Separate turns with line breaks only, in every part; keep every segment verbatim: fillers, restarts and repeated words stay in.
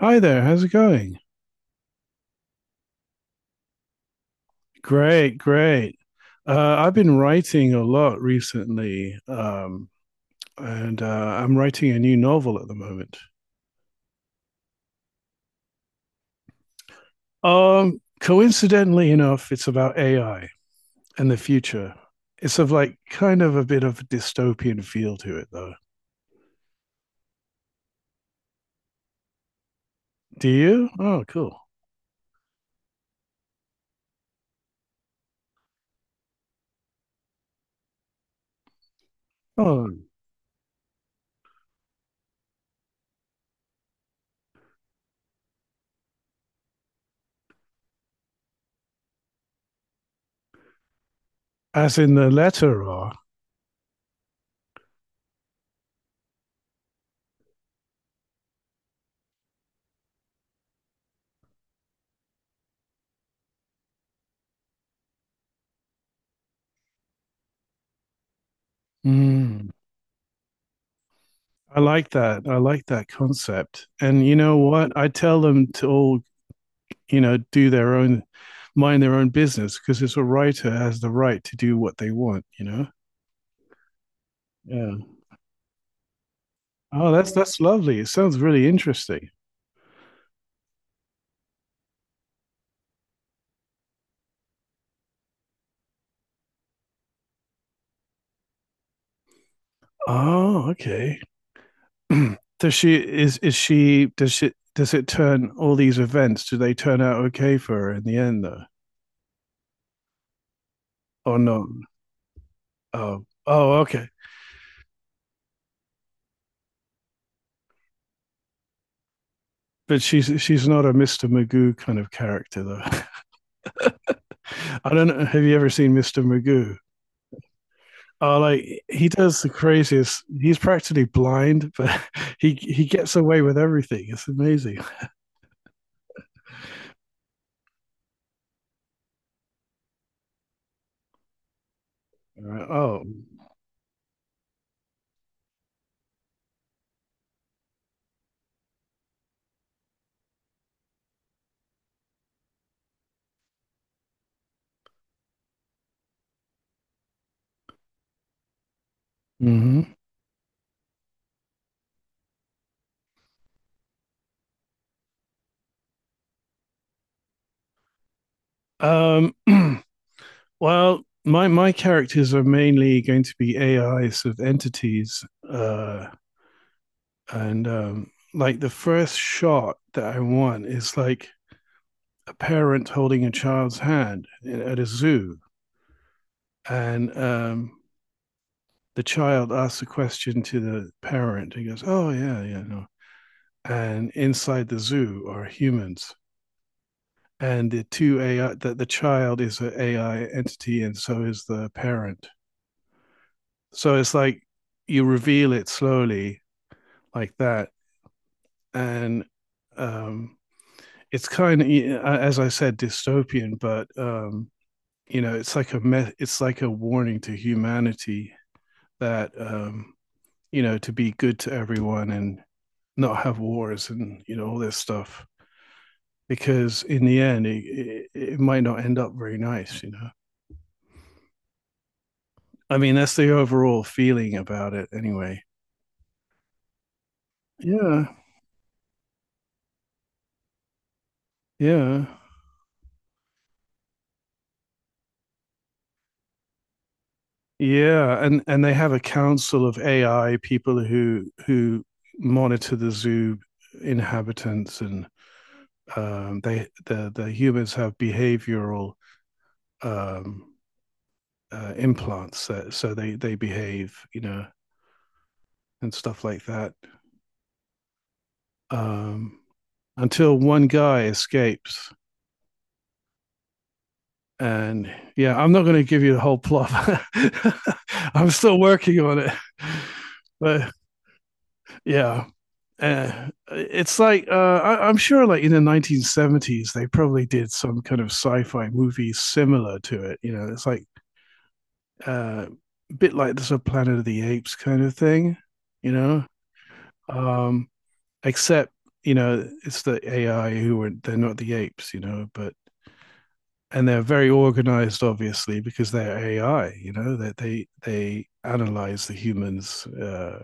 Hi there, how's it going? Great, great. Uh, I've been writing a lot recently, um, and uh, I'm writing a new novel at the moment. Um, coincidentally enough, it's about A I and the future. It's of like kind of a bit of a dystopian feel to it, though. Do you? Oh, cool. Oh, as in the letter R. Mm. I like that. I like that concept. And you know what? I tell them to all you know, do their own, mind their own business because it's a writer has the right to do what they want, you know? Yeah. Oh, that's that's lovely. It sounds really interesting. Oh, okay. does she is is she does she does it turn all these events? Do they turn out okay for her in the end though, or not? Oh, oh, okay. But she's she's not a mister Magoo kind of character though. I don't know. Have you ever seen mister Magoo? Oh, like he does the craziest. He's practically blind, but he he gets away with everything. It's amazing. Right. Oh, hmm. um, well, my my characters are mainly going to be A Is of entities, uh, and um, like the first shot that I want is like a parent holding a child's hand at a zoo, and um, the child asks a question to the parent. He goes, "Oh yeah, yeah, no, and inside the zoo are humans and the two A I that the child is an A I entity and so is the parent. So it's like you reveal it slowly like that, and um, it's kind of as I said dystopian, but um, you know it's like a me- it's like a warning to humanity that um, you know to be good to everyone and not have wars and you know all this stuff, because in the end, it, it, it might not end up very nice, you know? I mean, that's the overall feeling about it anyway. Yeah, yeah. Yeah, and and they have a council of A I people who who monitor the zoo inhabitants, and um, they the the humans have behavioral um, uh, implants, that, so they they behave, you know, and stuff like that. Um, until one guy escapes and yeah, I'm not going to give you the whole plot. I'm still working on it, but yeah, uh, it's like uh, I, I'm sure, like in the nineteen seventies, they probably did some kind of sci-fi movie similar to it. You know, it's like uh, a bit like the sort of Planet of the Apes kind of thing. You know, um, except you know it's the A I who were they're not the apes. You know, but and they're very organized obviously because they're ai you know that they, they they analyze the humans uh,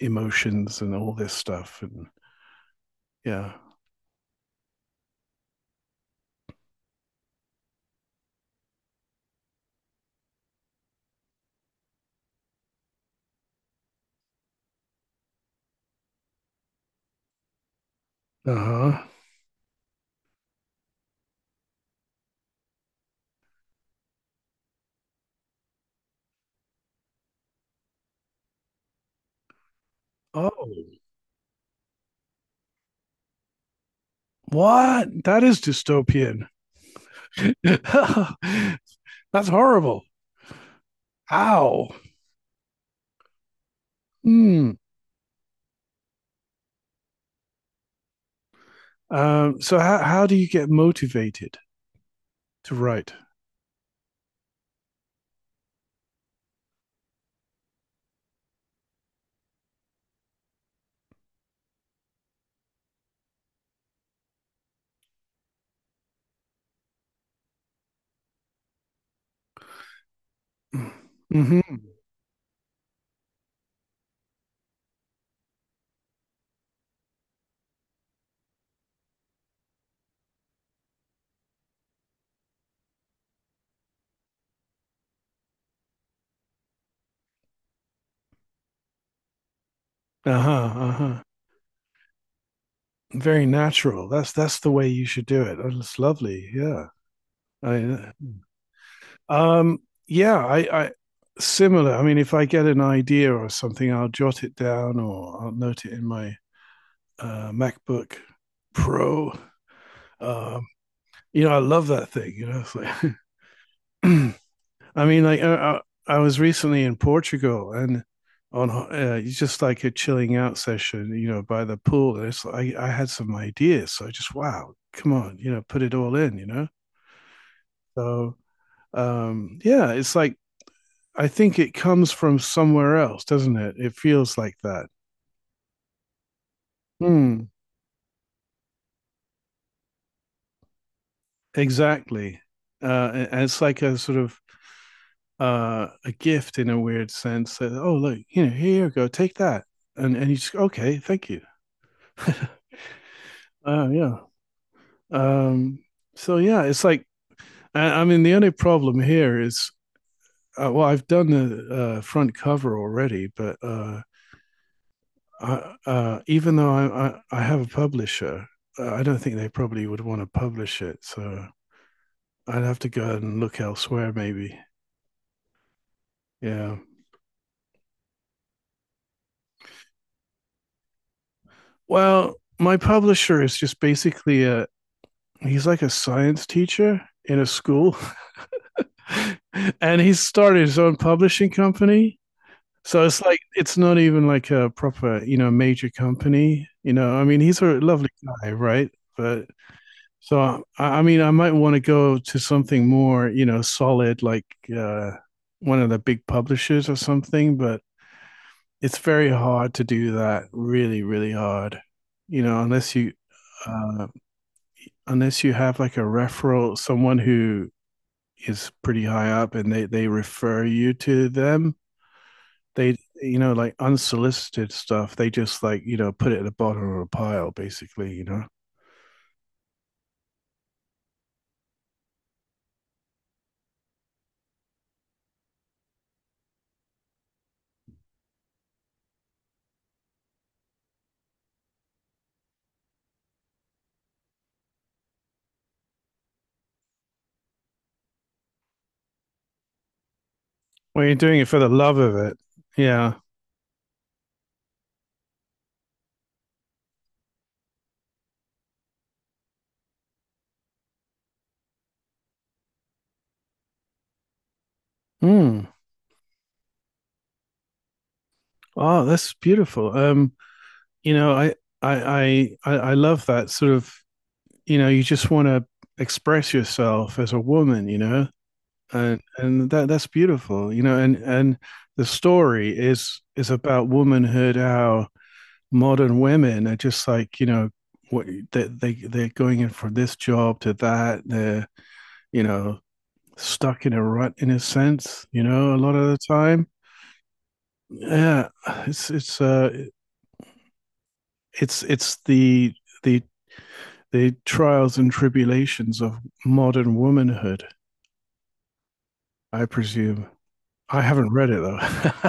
emotions and all this stuff and yeah. Uh-huh. Oh, what that is dystopian. That's horrible. Ow. Hmm. Um so how, how do you get motivated to write? Mm-hmm. Uh-huh. Uh-huh. Very natural. That's that's the way you should do it. Oh, that's lovely. Yeah. I, um, yeah, I, I similar. I mean, if I get an idea or something, I'll jot it down or I'll note it in my uh, MacBook Pro. Um, you know, I love that thing, you know. It's like I mean, like I, I was recently in Portugal and on uh, just like a chilling out session, you know, by the pool. And it's like I I had some ideas, so I just wow, come on, you know, put it all in, you know. So um, yeah, it's like I think it comes from somewhere else, doesn't it? It feels like that. Hmm. Exactly. Uh, and and it's like a sort of uh, a gift in a weird sense. That, oh, look, you know, here you go, take that, and and you just okay, thank you. Uh, yeah. Um, so yeah, it's like I, I mean the only problem here is uh, well I've done the uh, front cover already, but uh, I, uh, even though I, I I have a publisher, uh, I don't think they probably would want to publish it. So I'd have to go out and look elsewhere, maybe. Yeah. Well, my publisher is just basically a he's like a science teacher in a school, and he's started his own publishing company. So it's like it's not even like a proper, you know, major company. You know, I mean, he's a lovely guy, right? But so I, I mean, I might want to go to something more, you know, solid, like uh, one of the big publishers or something. But it's very hard to do that. Really, really hard. You know, unless you uh, unless you have like a referral, someone who is pretty high up, and they they refer you to them, they you know like unsolicited stuff they just like you know put it at the bottom of a pile basically you know. Well you're doing it for the love of it. Yeah. Mm. Oh, that's beautiful. Um you know, I I I I love that sort of you know, you just want to express yourself as a woman, you know, and and that that's beautiful, you know, and and the story is is about womanhood, how modern women are just like you know what they, they they're going in from this job to that they're you know stuck in a rut in a sense you know a lot of the time. Yeah, it's it's uh it's it's the the the trials and tribulations of modern womanhood, I presume. I haven't read it though.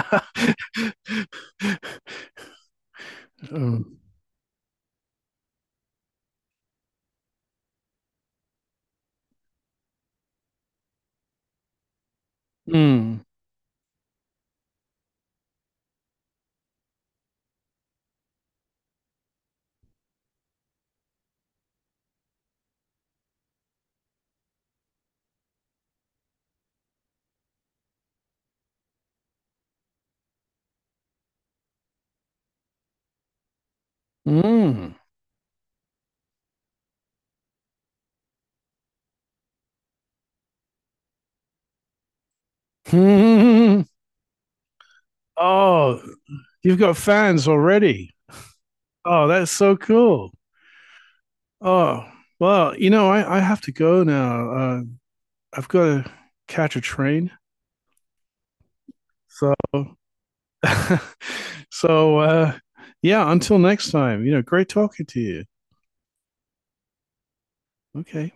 Um, mm, mm, mm. Oh, you've got fans already. Oh, that's so cool. Oh, well, you know, I, I have to go now. Uh, I've got to catch a train. So, so uh, yeah, until next time, you know, great talking to you. Okay.